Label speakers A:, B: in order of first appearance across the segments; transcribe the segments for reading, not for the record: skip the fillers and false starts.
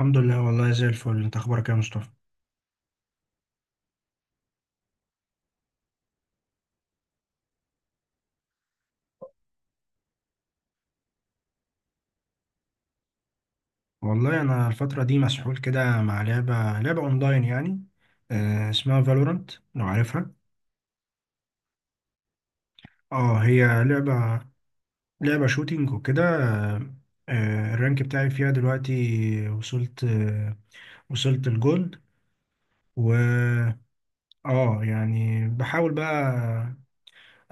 A: الحمد لله والله زي الفل، انت اخبارك يا مصطفى؟ والله انا الفتره دي مسحول كده مع لعبه اونلاين يعني. آه اسمها فالورانت لو عارفها. اه هي لعبه، شوتينج وكده. الرانك بتاعي فيها دلوقتي وصلت، وصلت الجولد. و اه يعني بحاول بقى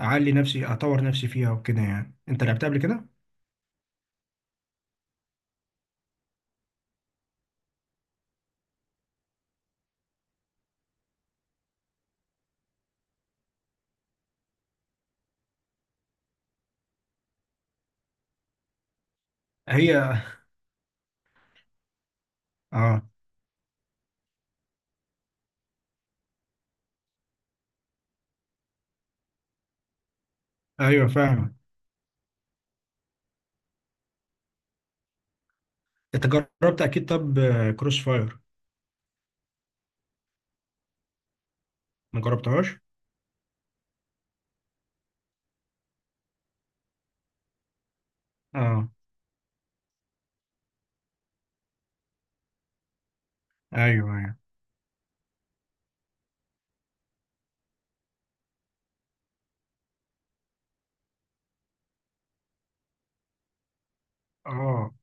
A: اعلي نفسي اطور نفسي فيها وكده. يعني انت لعبتها قبل كده؟ هي اه ايوه فاهم. انت جربت اكيد؟ طب كروس فاير؟ ما جربتهاش. اه ايوه ايوه. اه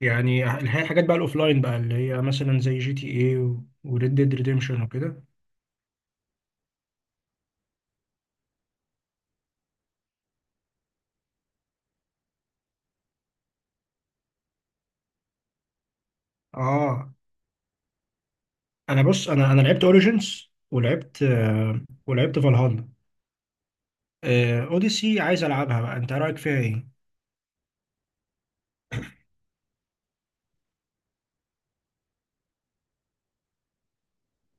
A: يعني الحاجات بقى الاوفلاين بقى اللي هي مثلا زي جي تي اي وريد ديد ريديمشن وكده. اه انا بص، انا لعبت اوريجينز ولعبت، ولعبت فالهالا. آه اوديسي عايز العبها بقى، انت رايك فيها ايه؟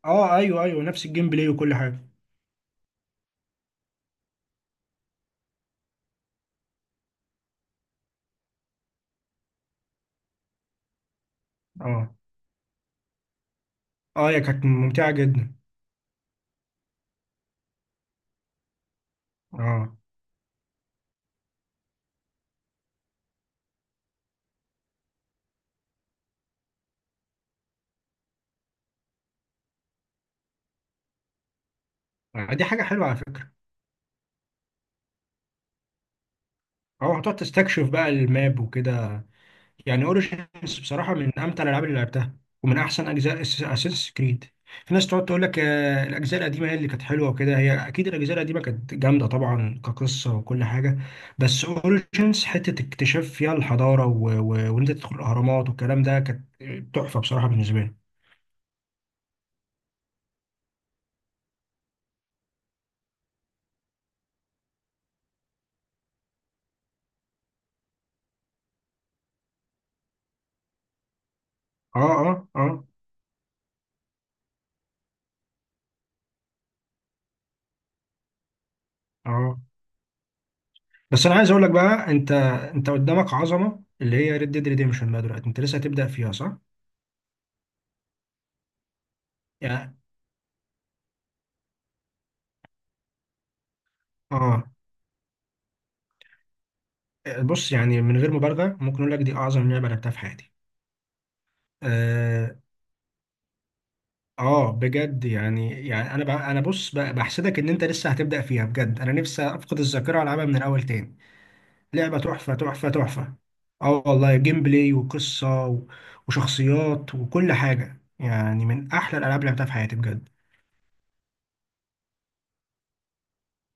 A: اه ايوه ايوه، نفس الجيم بلاي وكل حاجه. اه اه هي كانت ممتعه جدا. اه، آه، دي حاجه حلوه على فكره. اه، هتقعد تستكشف بقى الماب وكده. يعني اوريجينز بصراحه من امتع الالعاب اللي لعبتها ومن احسن اجزاء اساس كريد. في ناس تقعد تقول لك آه، الاجزاء القديمه هي اللي كانت حلوه وكده. هي اكيد الاجزاء القديمه كانت جامده طبعا كقصه وكل حاجه، بس اوريجينز حته اكتشاف فيها الحضاره وان انت تدخل الاهرامات والكلام ده كانت تحفه بصراحه بالنسبه لي. اه اه اه اه بس انا عايز اقول لك بقى، انت، انت قدامك عظمه اللي هي ريد ديد ريديمشن بقى دلوقتي. انت لسه هتبدا فيها صح؟ يعني اه. بص، يعني من غير مبالغة ممكن أقول لك دي أعظم لعبة لعبتها في حياتي. آه, آه بجد يعني، يعني أنا بقى أنا بص بقى بحسدك إن أنت لسه هتبدأ فيها، بجد أنا نفسي أفقد الذاكرة وألعبها من الأول تاني. لعبة تحفة تحفة تحفة. آه والله، جيم بلاي وقصة و- وشخصيات وكل حاجة، يعني من أحلى الألعاب اللي لعبتها في حياتي بجد.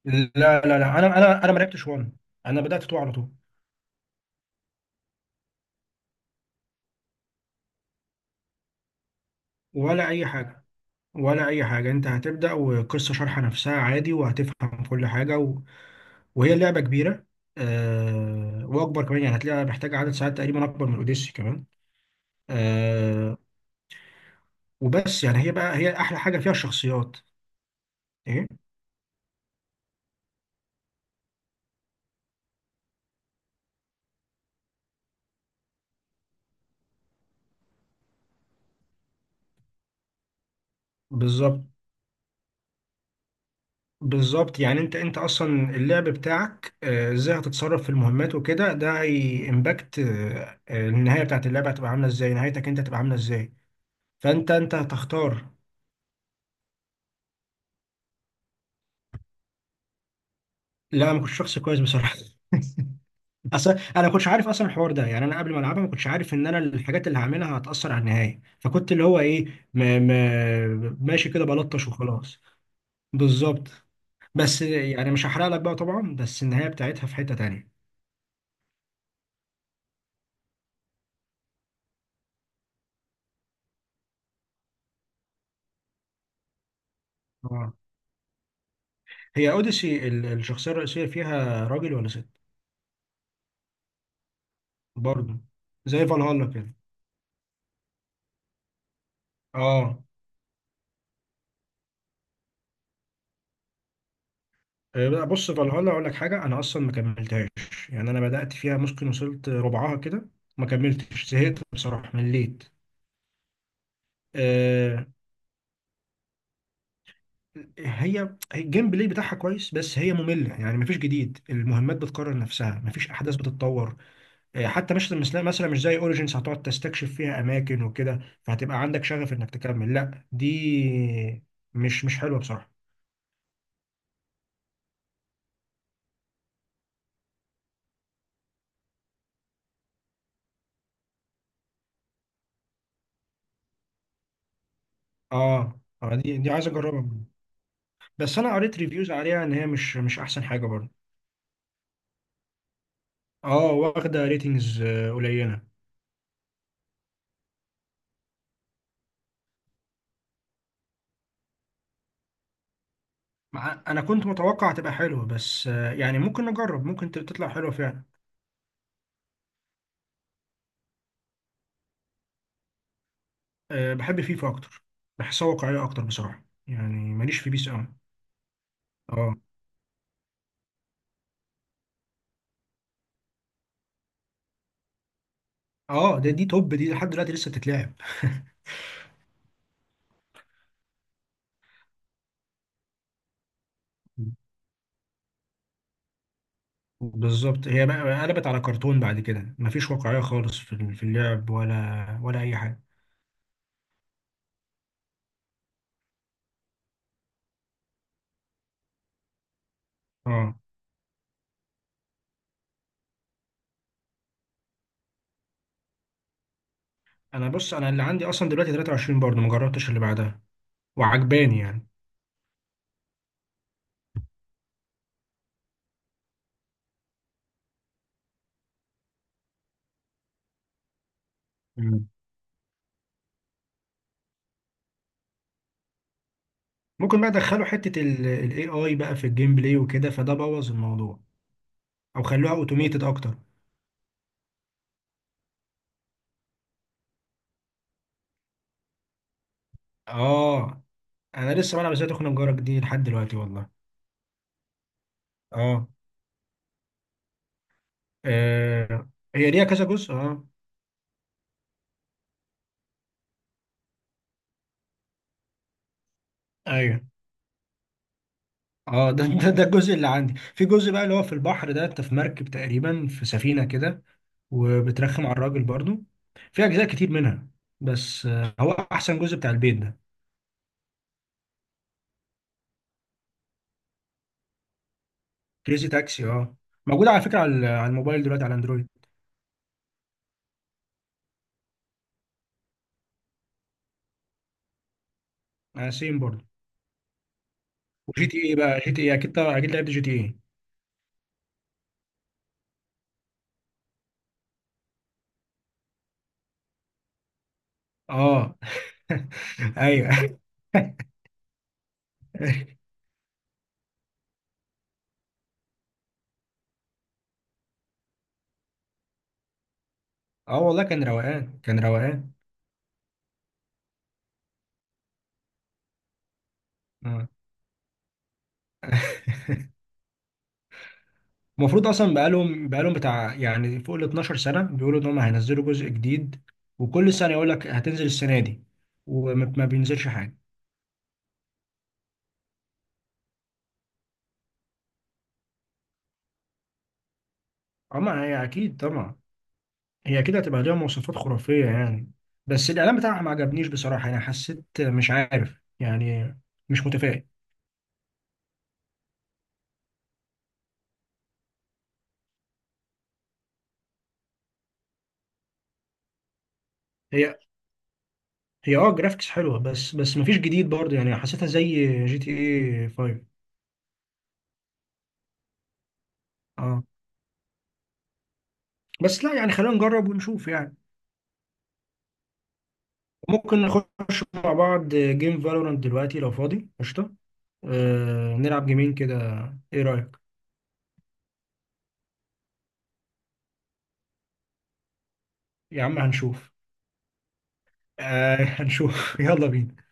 A: لا، لا لا، أنا ما لعبتش وان، أنا بدأت تو على طول. ولا أي حاجة. ولا أي حاجة، أنت هتبدأ وقصة شارحة نفسها عادي وهتفهم كل حاجة. وهي لعبة كبيرة. آه، وأكبر كمان، يعني هتلاقيها محتاجة عدد ساعات تقريبا أكبر من أوديسي كمان. آه. وبس يعني، هي بقى هي أحلى حاجة فيها الشخصيات. إيه. بالظبط، بالظبط. يعني أنت، أنت أصلا اللعب بتاعك آه، إزاي هتتصرف في المهمات وكده، ده هيمباكت النهاية بتاعت اللعبة. هتبقى عاملة إزاي، نهايتك أنت هتبقى عاملة إزاي. فأنت، أنت هتختار. لا أنا ما كنتش شخص كويس بصراحة اصل انا ما كنتش عارف اصلا الحوار ده. يعني انا قبل ما العبها ما كنتش عارف ان انا الحاجات اللي هعملها هتاثر على النهايه، فكنت اللي هو ايه ماشي كده بلطش وخلاص. بالظبط. بس يعني مش هحرق لك بقى طبعا، بس النهايه بتاعتها في حته تانية. اه. هي اوديسي الشخصيه الرئيسيه فيها راجل ولا ست؟ برضه زي فالهالا كده. اه آه، بص فالهالا اقول لك حاجه، انا اصلا ما كملتهاش. يعني انا بدات فيها ممكن وصلت ربعها كده. ما كملتش، زهقت بصراحه، مليت. هي هي الجيم بلاي بتاعها كويس بس هي مملة، يعني مفيش جديد، المهمات بتكرر نفسها، مفيش أحداث بتتطور. آه، حتى مثلا مش زي أوريجينز هتقعد تستكشف فيها أماكن وكده فهتبقى عندك شغف إنك تكمل. لا دي مش حلوة بصراحة. اه اه، دي عايز أجربها. بس أنا قريت ريفيوز عليها إن هي مش أحسن حاجة برضه. اه، واخدة ريتنجز قليلة. أنا كنت متوقع تبقى حلوة، بس آه، يعني ممكن نجرب، ممكن تطلع حلوة فعلا. أه بحب فيفا اكتر، بحسها واقعيه اكتر بصراحه، يعني ماليش في بيس قوي. اه اه، ده دي توب، دي لحد دلوقتي لسه بتتلعب. بالظبط. هي بقى قلبت على كرتون بعد كده، مفيش واقعيه خالص في اللعب ولا اي حاجه. اه انا بص، انا اللي عندي اصلا دلوقتي 23 برضه، ما جربتش اللي بعدها، وعجباني يعني. مم. مم. ممكن بقى ادخلوا حته الاي اي بقى في الجيم بلاي وكده، فده بوظ الموضوع. او خلوها اوتوميتد اكتر. اه انا لسه بلعب ازاي تخنق جارك دي لحد دلوقتي والله. اه آه هي ليها كذا جزء اه. ايوه. اه ده الجزء اللي عندي. في جزء بقى اللي هو في البحر ده، انت في مركب تقريبا، في سفينة كده وبترخم على الراجل برضو. في اجزاء كتير منها، بس آه، هو احسن جزء بتاع البيت ده. كريزي تاكسي اه. موجود على فكرة، على على الموبايل دلوقتي على اندرويد. على سيم برضو. وجي تي ايه بقى، جي تي ايه اكيد طبعا، اكيد لعبت جي تي ايه. اه ايوه اه والله كان روقان، كان روقان. اه المفروض اصلا بقالهم بتاع يعني فوق ال 12 سنه بيقولوا ان هم هينزلوا جزء جديد، وكل سنه يقول لك هتنزل السنه دي وما ما بينزلش حاجه. اما هي اكيد طبعا، هي اكيد هتبقى ليها مواصفات خرافيه يعني. بس الاعلان بتاعها ما عجبنيش بصراحه، انا حسيت مش عارف يعني، مش متفائل. هي هي اه جرافيكس حلوه، بس بس ما فيش جديد برضه، يعني حسيتها زي جي تي اي 5. اه بس لا يعني خلينا نجرب ونشوف يعني. ممكن نخش مع بعض جيم فالورانت دلوقتي لو فاضي، قشطه. آه، نلعب جيمين كده. ايه رأيك؟ يا عم هنشوف. آه هنشوف يلا بينا.